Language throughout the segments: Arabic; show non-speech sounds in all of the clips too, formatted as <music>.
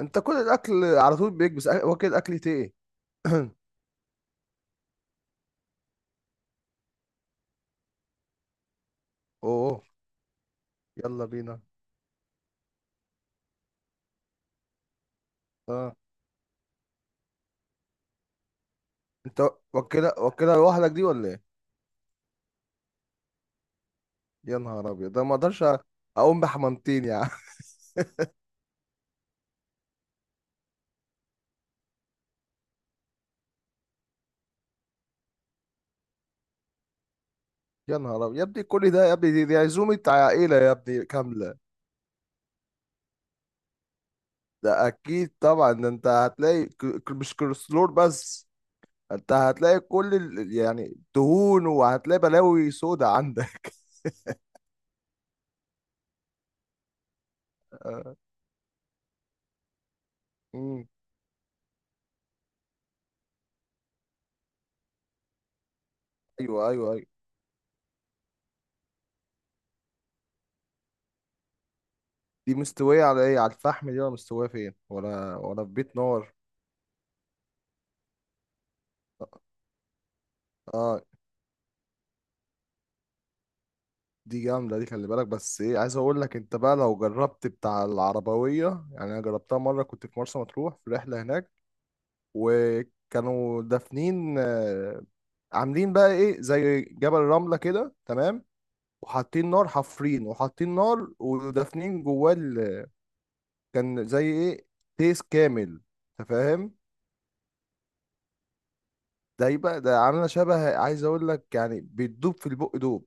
انت كل الاكل على طول بيكبس واكل اكلتي ايه؟ <clears throat> اوه، يلا بينا. اه، انت واكلها لوحدك دي ولا ايه؟ يا نهار ابيض، ده ما اقدرش اقوم بحمامتين يعني. <laughs> يا نهار ابيض يا ابني، كل ده يا ابني؟ دي عزومه عائله يا ابني كامله. ده اكيد طبعا، ده انت هتلاقي مش كوليسترول بس، انت هتلاقي كل يعني دهون، وهتلاقي بلاوي سودا عندك. <laughs> آه، مم. ايوه، ايوه، ايوه. دي مستويه على ايه، على الفحم دي ولا مستويه فين، ولا في بيت نار؟ اه، دي جامدة دي، خلي بالك. بس ايه عايز اقول لك، انت بقى لو جربت بتاع العربوية، يعني انا جربتها مرة كنت في مرسى مطروح في رحلة هناك، وكانوا دافنين آه، عاملين بقى ايه زي جبل رملة كده، تمام؟ وحاطين نار، حفرين وحاطين نار ودافنين جواه كان زي ايه، تيس كامل، انت فاهم. ده يبقى ده عاملة شبه عايز اقول لك يعني بتدوب في البق دوب.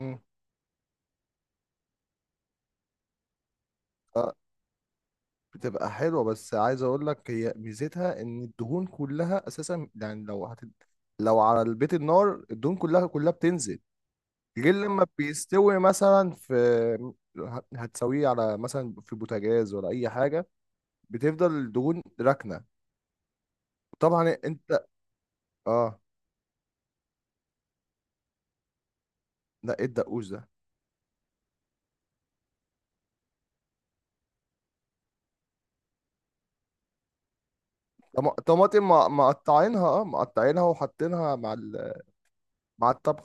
مم. بتبقى حلوة، بس عايز اقول لك هي ميزتها ان الدهون كلها اساسا، يعني لو لو على البيت النار الدهون كلها كلها بتنزل، غير لما بيستوي مثلا في هتسويه على مثلا في بوتاجاز ولا اي حاجة، بتفضل الدهون راكنة. طبعا انت، اه. لا، ايه الدقوس ده؟ طماطم مقطعينها، اه مقطعينها وحاطينها مع مع الطبخ،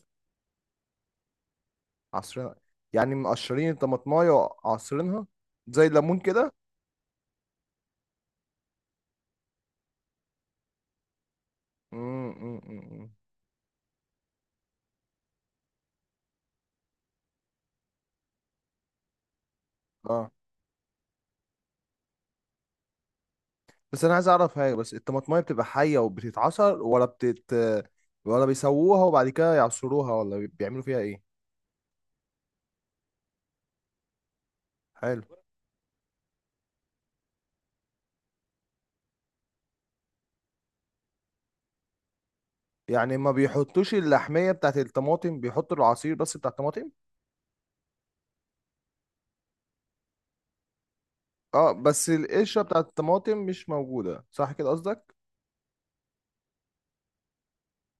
عصرينها، يعني مقشرين الطماطمايه وعصرينها زي الليمون كده. مم، مم، مم، مم. اه. بس انا عايز اعرف حاجه، بس الطماطمايه بتبقى حيه وبتتعصر ولا ولا بيسووها وبعد كده يعصروها، ولا بيعملوا فيها ايه؟ حلو. يعني ما بيحطوش اللحميه بتاعت الطماطم، بيحطوا العصير بس بتاع الطماطم. اه، بس القشره بتاعت الطماطم مش موجوده، صح كده قصدك؟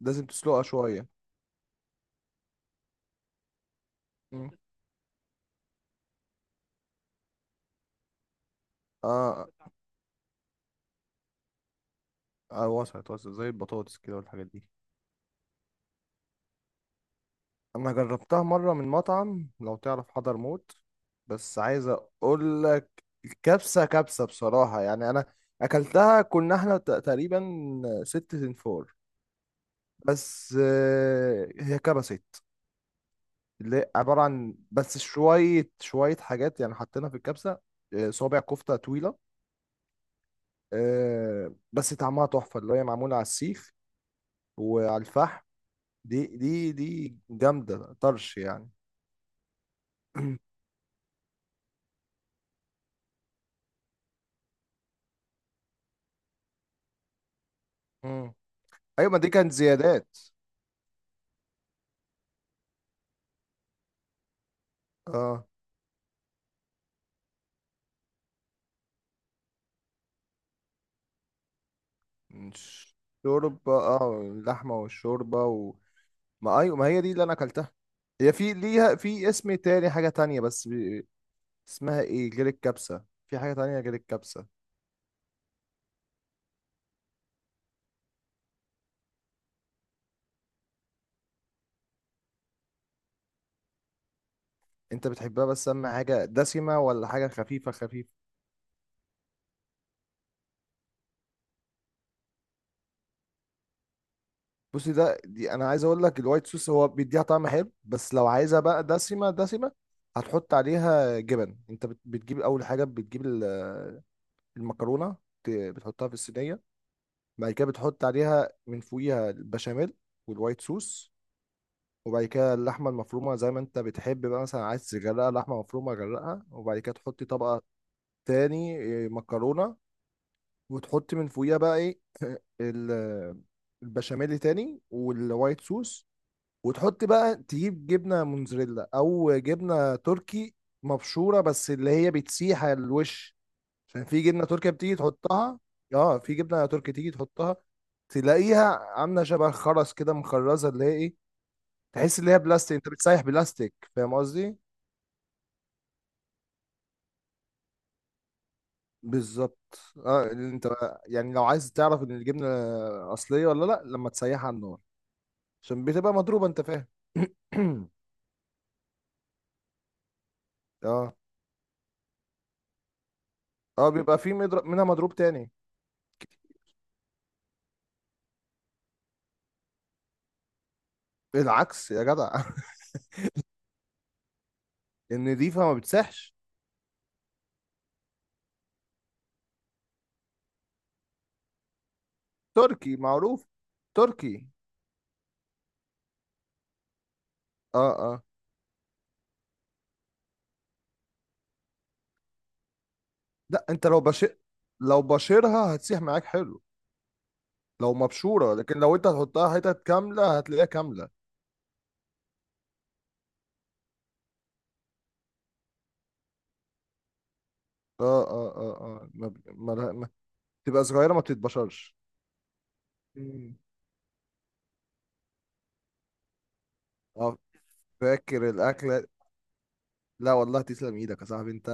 لازم تسلقها شويه. مم. اه، اه، وصلت وصلت، زي البطاطس كده والحاجات دي. انا جربتها مره من مطعم، لو تعرف حضرموت. بس عايز اقول لك، كبسه كبسه بصراحه، يعني انا اكلتها، كنا احنا تقريبا 6 تنفور. بس آه، هي كبست، اللي هي عباره عن بس شويه شويه حاجات، يعني حطينا في الكبسه آه، صابع كفته طويله آه، بس طعمها تحفه، اللي هي معموله على السيخ وعلى الفحم. دي جامده طرش يعني. <clears throat> مم. ايوه، ما دي كانت زيادات. اه، مش شوربة، اه اللحمة والشوربة ما ايوه، ما هي دي اللي انا اكلتها. هي في ليها في اسم تاني، حاجة تانية، بس اسمها ايه غير الكبسة، في حاجة تانية غير الكبسة؟ انت بتحبها بس اما حاجة دسمة ولا حاجة خفيفة خفيفة؟ بصي، ده دي انا عايز اقول لك الوايت صوص هو بيديها طعم حلو، بس لو عايزها بقى دسمة دسمة، هتحط عليها جبن. انت بتجيب اول حاجة، بتجيب المكرونة، بتحطها في الصينية، بعد كده بتحط عليها من فوقيها البشاميل والوايت صوص، وبعد كده اللحمه المفرومه زي ما انت بتحب، بقى مثلا عايز تغرقها لحمه مفرومه غرقها، وبعد كده تحطي طبقه تاني إيه، مكرونه، وتحطي من فوقيها بقى ايه <laughs> <clears throat> ال- البشاميل تاني والوايت صوص، وتحط بقى، تجيب جبنه موزاريلا او جبنه تركي مبشوره، بس اللي هي بتسيح على الوش. عشان في جبنه تركي بتيجي تحطها، اه في جبنه تركي تيجي تحطها، تلاقيها عامله شبه الخرز كده، مخرزه، اللي هي ايه، تحس ان هي بلاستيك، انت بتسيح بلاستيك، فاهم قصدي؟ بالظبط. اه اللي انت، يعني لو عايز تعرف ان الجبنه اصليه ولا لا، لما تسيحها على النار، عشان بتبقى مضروبه، انت فاهم. <clears throat> اه، اه، بيبقى في مضرب منها، مضروب تاني. العكس يا جدع. <laughs> النضيفه ما بتسحش. تركي معروف، تركي. اه، آه. لا، انت لو بشر، لو بشرها هتسيح معاك حلو، لو مبشوره. لكن لو انت هتحطها حتت كامله، هتلاقيها كامله، اه. اه، اه، اه، اه، ما ب- ما لها- ما- تبقى صغيره ما بتتبشرش. مم. اه. فاكر الاكله؟ لا والله، تسلم ايدك يا صاحبي، انت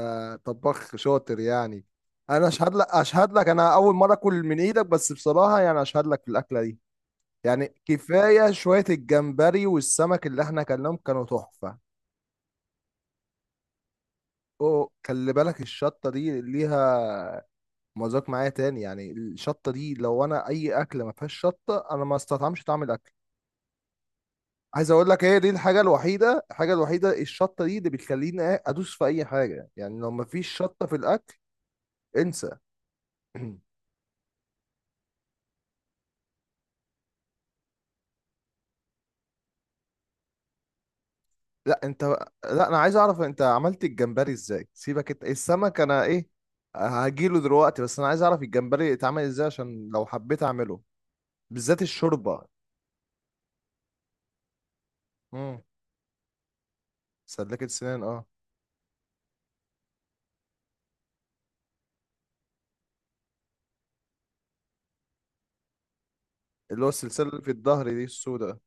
طباخ شاطر يعني. انا اشهد لك، اشهد لك، انا اول مره اكل من ايدك، بس بصراحه يعني اشهد لك في الاكله دي. يعني كفايه شويه، الجمبري والسمك اللي احنا اكلناهم كانوا تحفه. اوه، خلي بالك، الشطه دي ليها مذاق معايا تاني، يعني الشطه دي، لو انا اي اكله ما فيهاش شطه انا ما استطعمش طعم الاكل. عايز اقول لك، هي دي الحاجه الوحيده، الحاجه الوحيده، الشطه دي اللي بتخليني إيه، ادوس في اي حاجه. يعني لو ما فيش شطه في الاكل، انسى. <clears throat> لا، انت، لا انا عايز اعرف انت عملت الجمبري ازاي، سيبك انت السمك، انا ايه هجيله دلوقتي، بس انا عايز اعرف الجمبري اتعمل ازاي عشان لو حبيت اعمله، بالذات الشوربه. امم. سلكت سنان، اه. اللي هو السلسله اللي في الظهر دي السوداء.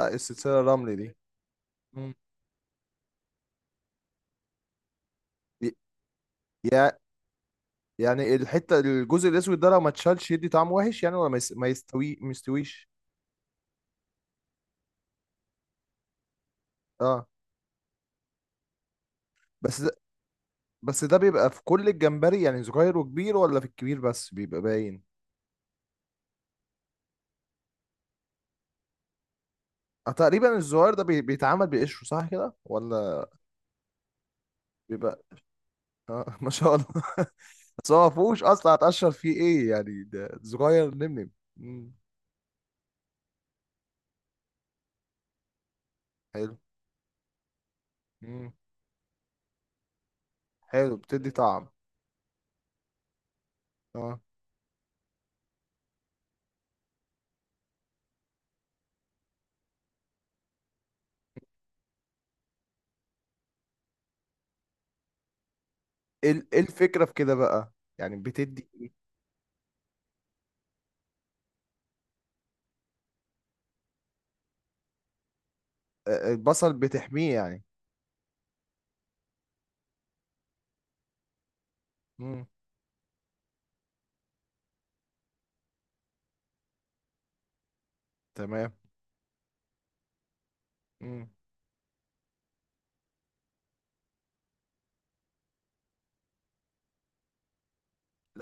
آه، السلسله الرملي دي. ي- يا، يعني الحته، الجزء الاسود ده لو ما اتشالش يدي طعم وحش يعني، ولا ما يستوي، ما يستويش؟ اه. بس ده، بس ده بيبقى في كل الجمبري يعني، صغير وكبير، ولا في الكبير بس بيبقى باين؟ آه، تقريبا الصغير ده بيتعمل بقشره، صح كده ولا؟ بيبقى اه <laughs> ما شاء الله <laughs> بس هو ما فيهوش اصلا، هتقشر فيه ايه يعني، ده صغير نمنم. مم. حلو. مم. حلو، بتدي طعم. اه. ايه إيه الفكره في كده بقى، يعني بتدي إيه؟ آه، آه، البصل بتحميه يعني. مم. تمام. مم.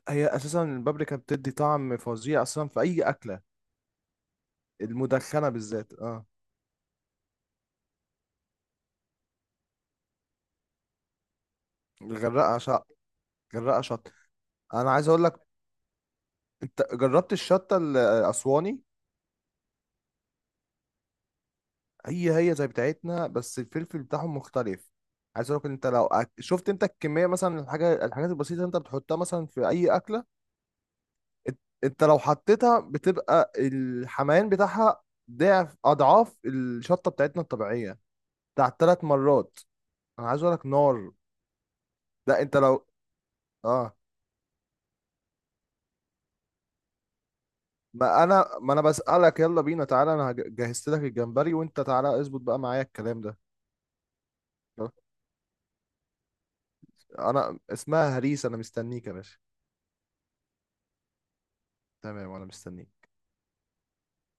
هي اساسا البابريكا بتدي طعم فظيع اصلا في اي اكله، المدخنه بالذات اه. غرقه شط، غرقه شط. انا عايز اقول لك، انت جربت الشطه الاسواني؟ هي هي زي بتاعتنا بس الفلفل بتاعهم مختلف. عايز اقول لك، انت لو شفت انت الكميه مثلا، الحاجه، الحاجات البسيطه اللي انت بتحطها مثلا في اي اكله، انت لو حطيتها، بتبقى الحميان بتاعها ضعف اضعاف الشطه بتاعتنا الطبيعيه، بتاعت 3 مرات. انا عايز اقول لك، نار. لا، انت لو، اه، ما انا بسألك، يلا بينا تعالى، انا جهزت لك الجمبري، وانت تعالى اظبط بقى معايا الكلام ده. انا اسمها هريس، انا مستنيك يا باشا. تمام، وانا مستنيك.